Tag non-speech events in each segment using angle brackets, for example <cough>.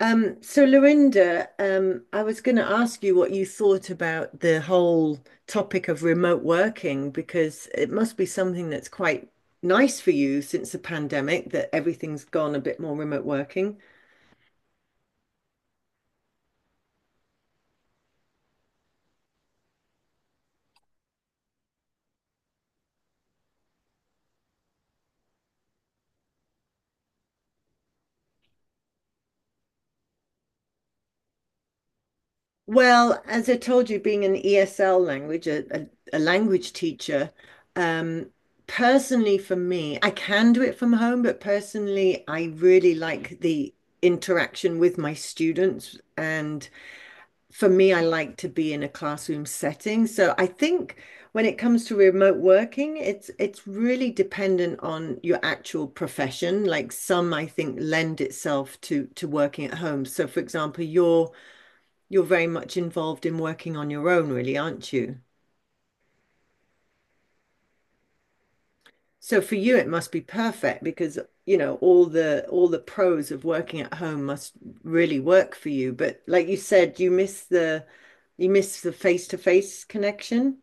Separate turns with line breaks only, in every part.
So Lorinda, I was going to ask you what you thought about the whole topic of remote working because it must be something that's quite nice for you since the pandemic that everything's gone a bit more remote working. Well, as I told you, being an ESL language, a language teacher, um, personally for me, I can do it from home, but personally, I really like the interaction with my students, and for me, I like to be in a classroom setting. So I think when it comes to remote working, it's really dependent on your actual profession. Like some, I think, lend itself to working at home. So for example, you're very much involved in working on your own, really, aren't you? So for you, it must be perfect because you know all the pros of working at home must really work for you. But like you said, you miss the face-to-face connection.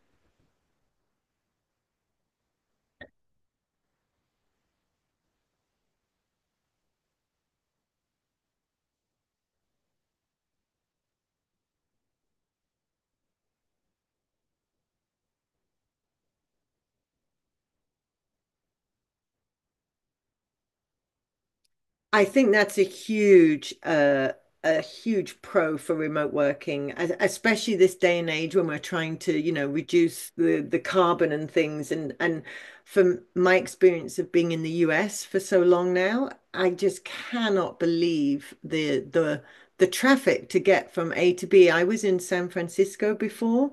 I think that's a huge pro for remote working, especially this day and age when we're trying to, you know, reduce the carbon and things. And from my experience of being in the US for so long now, I just cannot believe the traffic to get from A to B. I was in San Francisco before,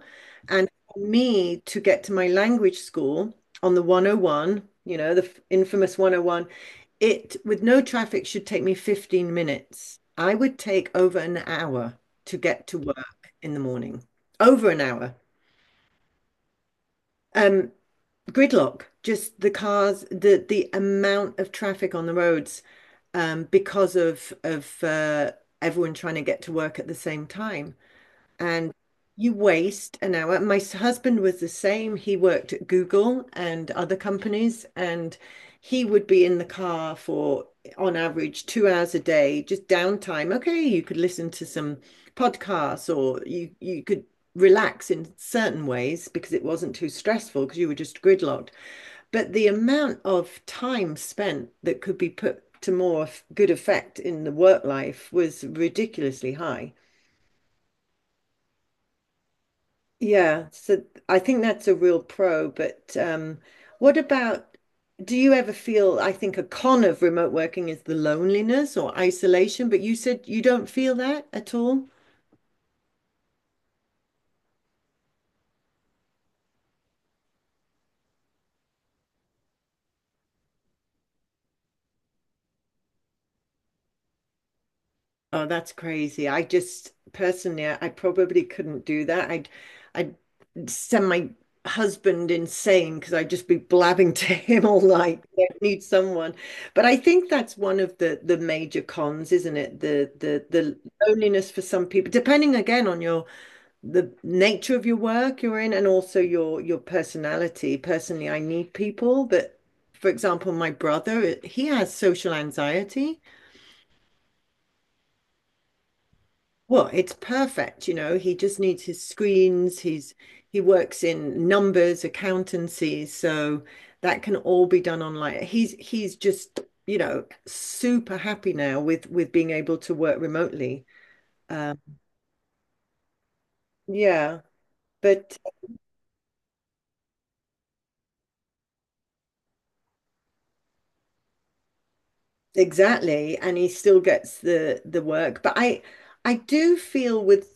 and for me to get to my language school on the 101, you know, the infamous 101, it, with no traffic, should take me 15 minutes. I would take over an hour to get to work in the morning. Over an hour. Um, Gridlock, just the cars, the amount of traffic on the roads, because of everyone trying to get to work at the same time, and you waste an hour. My husband was the same. He worked at Google and other companies, and he would be in the car for, on average, 2 hours a day, just downtime. Okay, you could listen to some podcasts, or you could relax in certain ways because it wasn't too stressful because you were just gridlocked. But the amount of time spent that could be put to more good effect in the work life was ridiculously high. Yeah, so I think that's a real pro, but what about, do you ever feel, I think a con of remote working is the loneliness or isolation, but you said you don't feel that at all? Oh, that's crazy. I just personally, I probably couldn't do that. I'd send my husband insane because I'd just be blabbing to <laughs> him all night. I need someone. But I think that's one of the major cons, isn't it? The loneliness for some people, depending again on your the nature of your work you're in, and also your personality. Personally, I need people, but for example, my brother, he has social anxiety. Well, it's perfect, you know. He just needs his screens. He works in numbers, accountancy, so that can all be done online. He's just, you know, super happy now with being able to work remotely. Um, yeah, but Exactly, and he still gets the work. But I do feel with,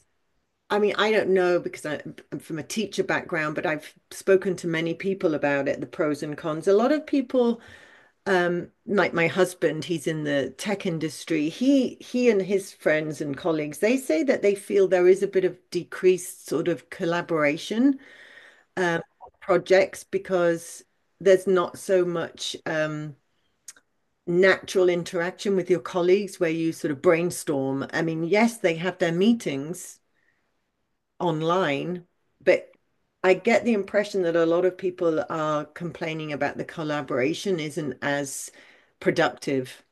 I mean, I don't know because I'm from a teacher background, but I've spoken to many people about it, the pros and cons. A lot of people, like my husband, he's in the tech industry, he and his friends and colleagues, they say that they feel there is a bit of decreased sort of collaboration, um projects, because there's not so much natural interaction with your colleagues where you sort of brainstorm. I mean, yes, they have their meetings online, but I get the impression that a lot of people are complaining about the collaboration isn't as productive.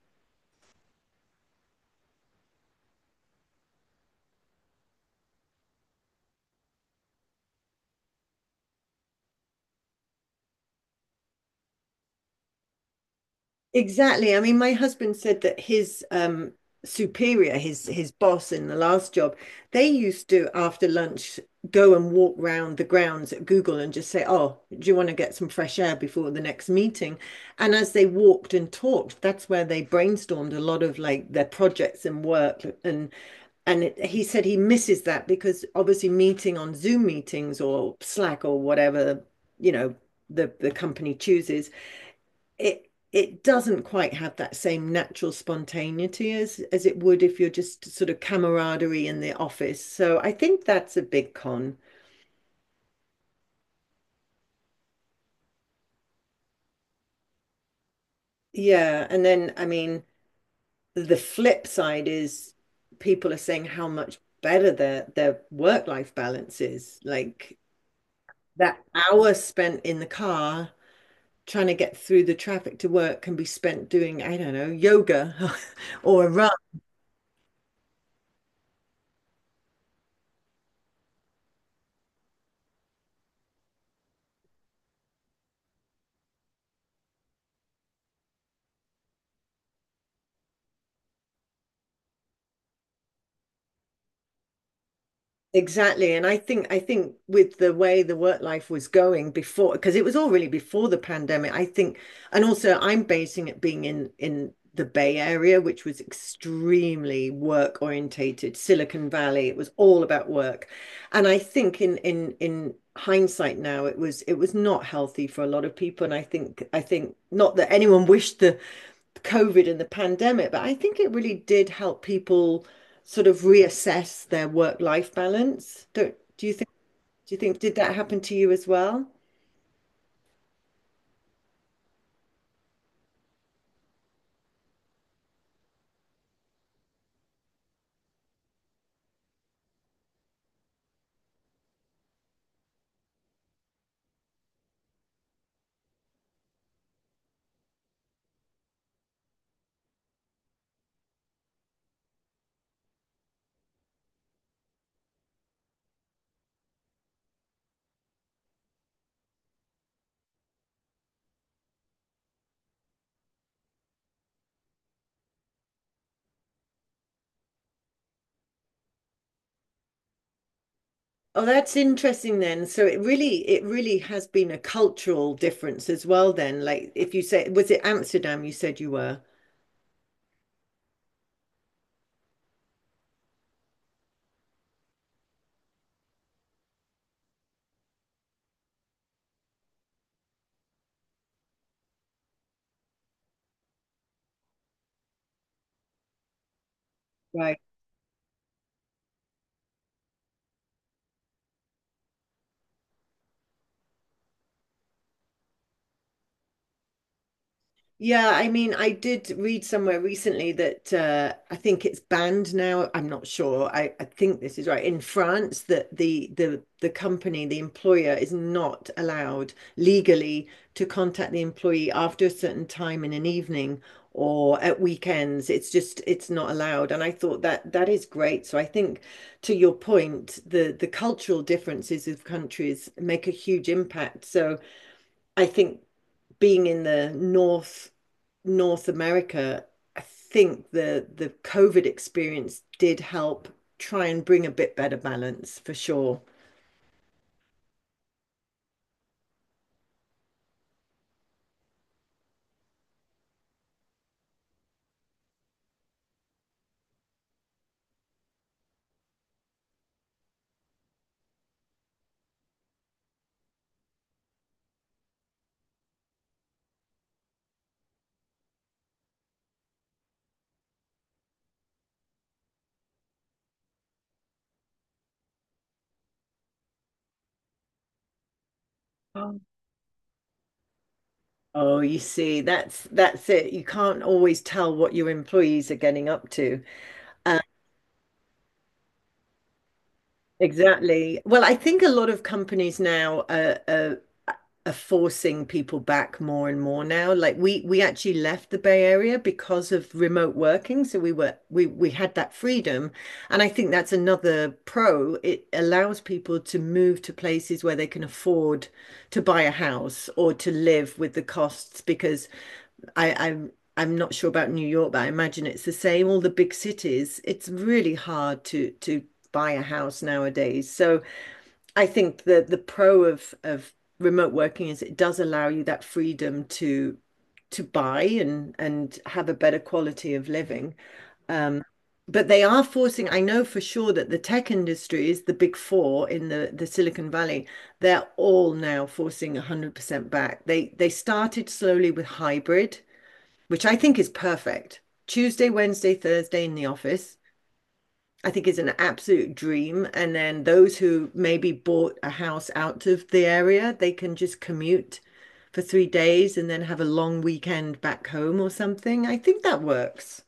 Exactly. I mean, my husband said that his superior, his boss in the last job, they used to, after lunch, go and walk round the grounds at Google and just say, "Oh, do you want to get some fresh air before the next meeting?" And as they walked and talked, that's where they brainstormed a lot of like their projects and work. And he said he misses that because obviously meeting on Zoom meetings or Slack or whatever, you know, the company chooses, it doesn't quite have that same natural spontaneity as it would if you're just sort of camaraderie in the office. So I think that's a big con. Yeah, and then, I mean, the flip side is people are saying how much better their work-life balance is. Like that hour spent in the car trying to get through the traffic to work can be spent doing, I don't know, yoga <laughs> or a run. Exactly. And I think with the way the work life was going before, because it was all really before the pandemic, I think, and also I'm basing it being in the Bay Area, which was extremely work orientated, Silicon Valley, it was all about work. And I think in hindsight now, it was not healthy for a lot of people. And I think, not that anyone <laughs> wished the COVID and the pandemic, but I think it really did help people sort of reassess their work-life balance. Don't, Do you think, do you think, did that happen to you as well? Oh, that's interesting then. So it really has been a cultural difference as well then. Like, if you say, was it Amsterdam you said you were? Right. Yeah, I mean, I did read somewhere recently that, I think it's banned now. I'm not sure. I think this is right. In France, that the company, the employer, is not allowed legally to contact the employee after a certain time in an evening or at weekends. It's just, it's not allowed. And I thought that that is great. So I think, to your point, the cultural differences of countries make a huge impact. So I think being in the north North America, I think the COVID experience did help try and bring a bit better balance for sure. Oh. Oh, you see, that's it. You can't always tell what your employees are getting up to. Exactly. Well, I think a lot of companies now are forcing people back more and more now. Like we actually left the Bay Area because of remote working, so we had that freedom, and I think that's another pro. It allows people to move to places where they can afford to buy a house or to live with the costs, because I'm not sure about New York, but I imagine it's the same. All the big cities, it's really hard to buy a house nowadays. So I think the pro of remote working is it does allow you that freedom to buy and have a better quality of living. But they are forcing, I know for sure, that the tech industry is the big four in the Silicon Valley. They're all now forcing 100% back. They started slowly with hybrid, which I think is perfect. Tuesday, Wednesday, Thursday in the office I think is an absolute dream. And then those who maybe bought a house out of the area, they can just commute for 3 days and then have a long weekend back home or something. I think that works.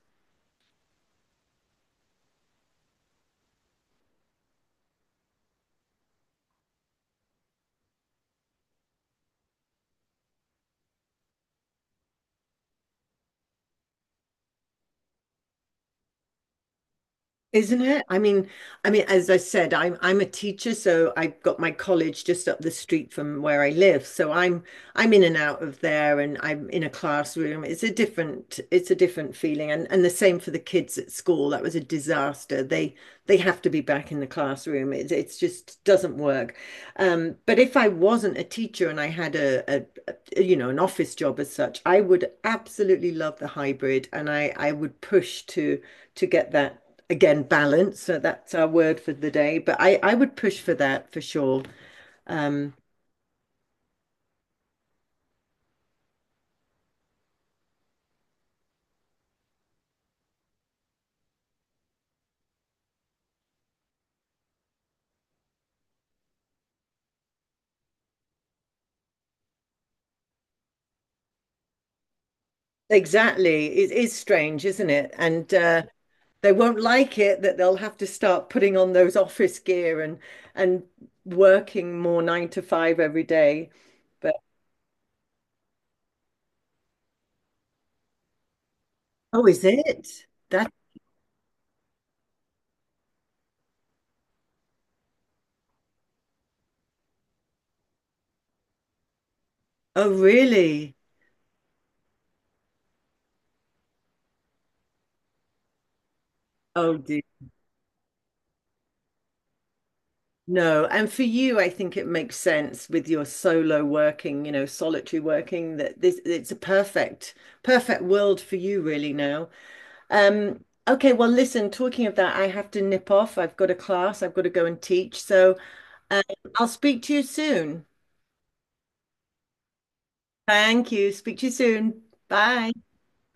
Isn't it? I mean, as I said, I'm a teacher, so I've got my college just up the street from where I live. So I'm in and out of there, and I'm in a classroom. It's a different feeling. And the same for the kids at school. That was a disaster. They have to be back in the classroom. It's just, doesn't work. But if I wasn't a teacher and I had you know, an office job as such, I would absolutely love the hybrid, and I would push to get that, again, balance. So that's our word for the day. But I would push for that for sure. Um, exactly, it is strange, isn't it? And They won't like it that they'll have to start putting on those office gear and and working more nine to five every day. But oh, is it? That, oh, really? Oh, dear. No. And for you, I think it makes sense with your solo working, you know, solitary working, that this, it's a perfect, perfect world for you really now. Okay, well, listen, talking of that, I have to nip off. I've got a class, I've got to go and teach. So, um, I'll speak to you soon. Thank you. Speak to you soon. Bye.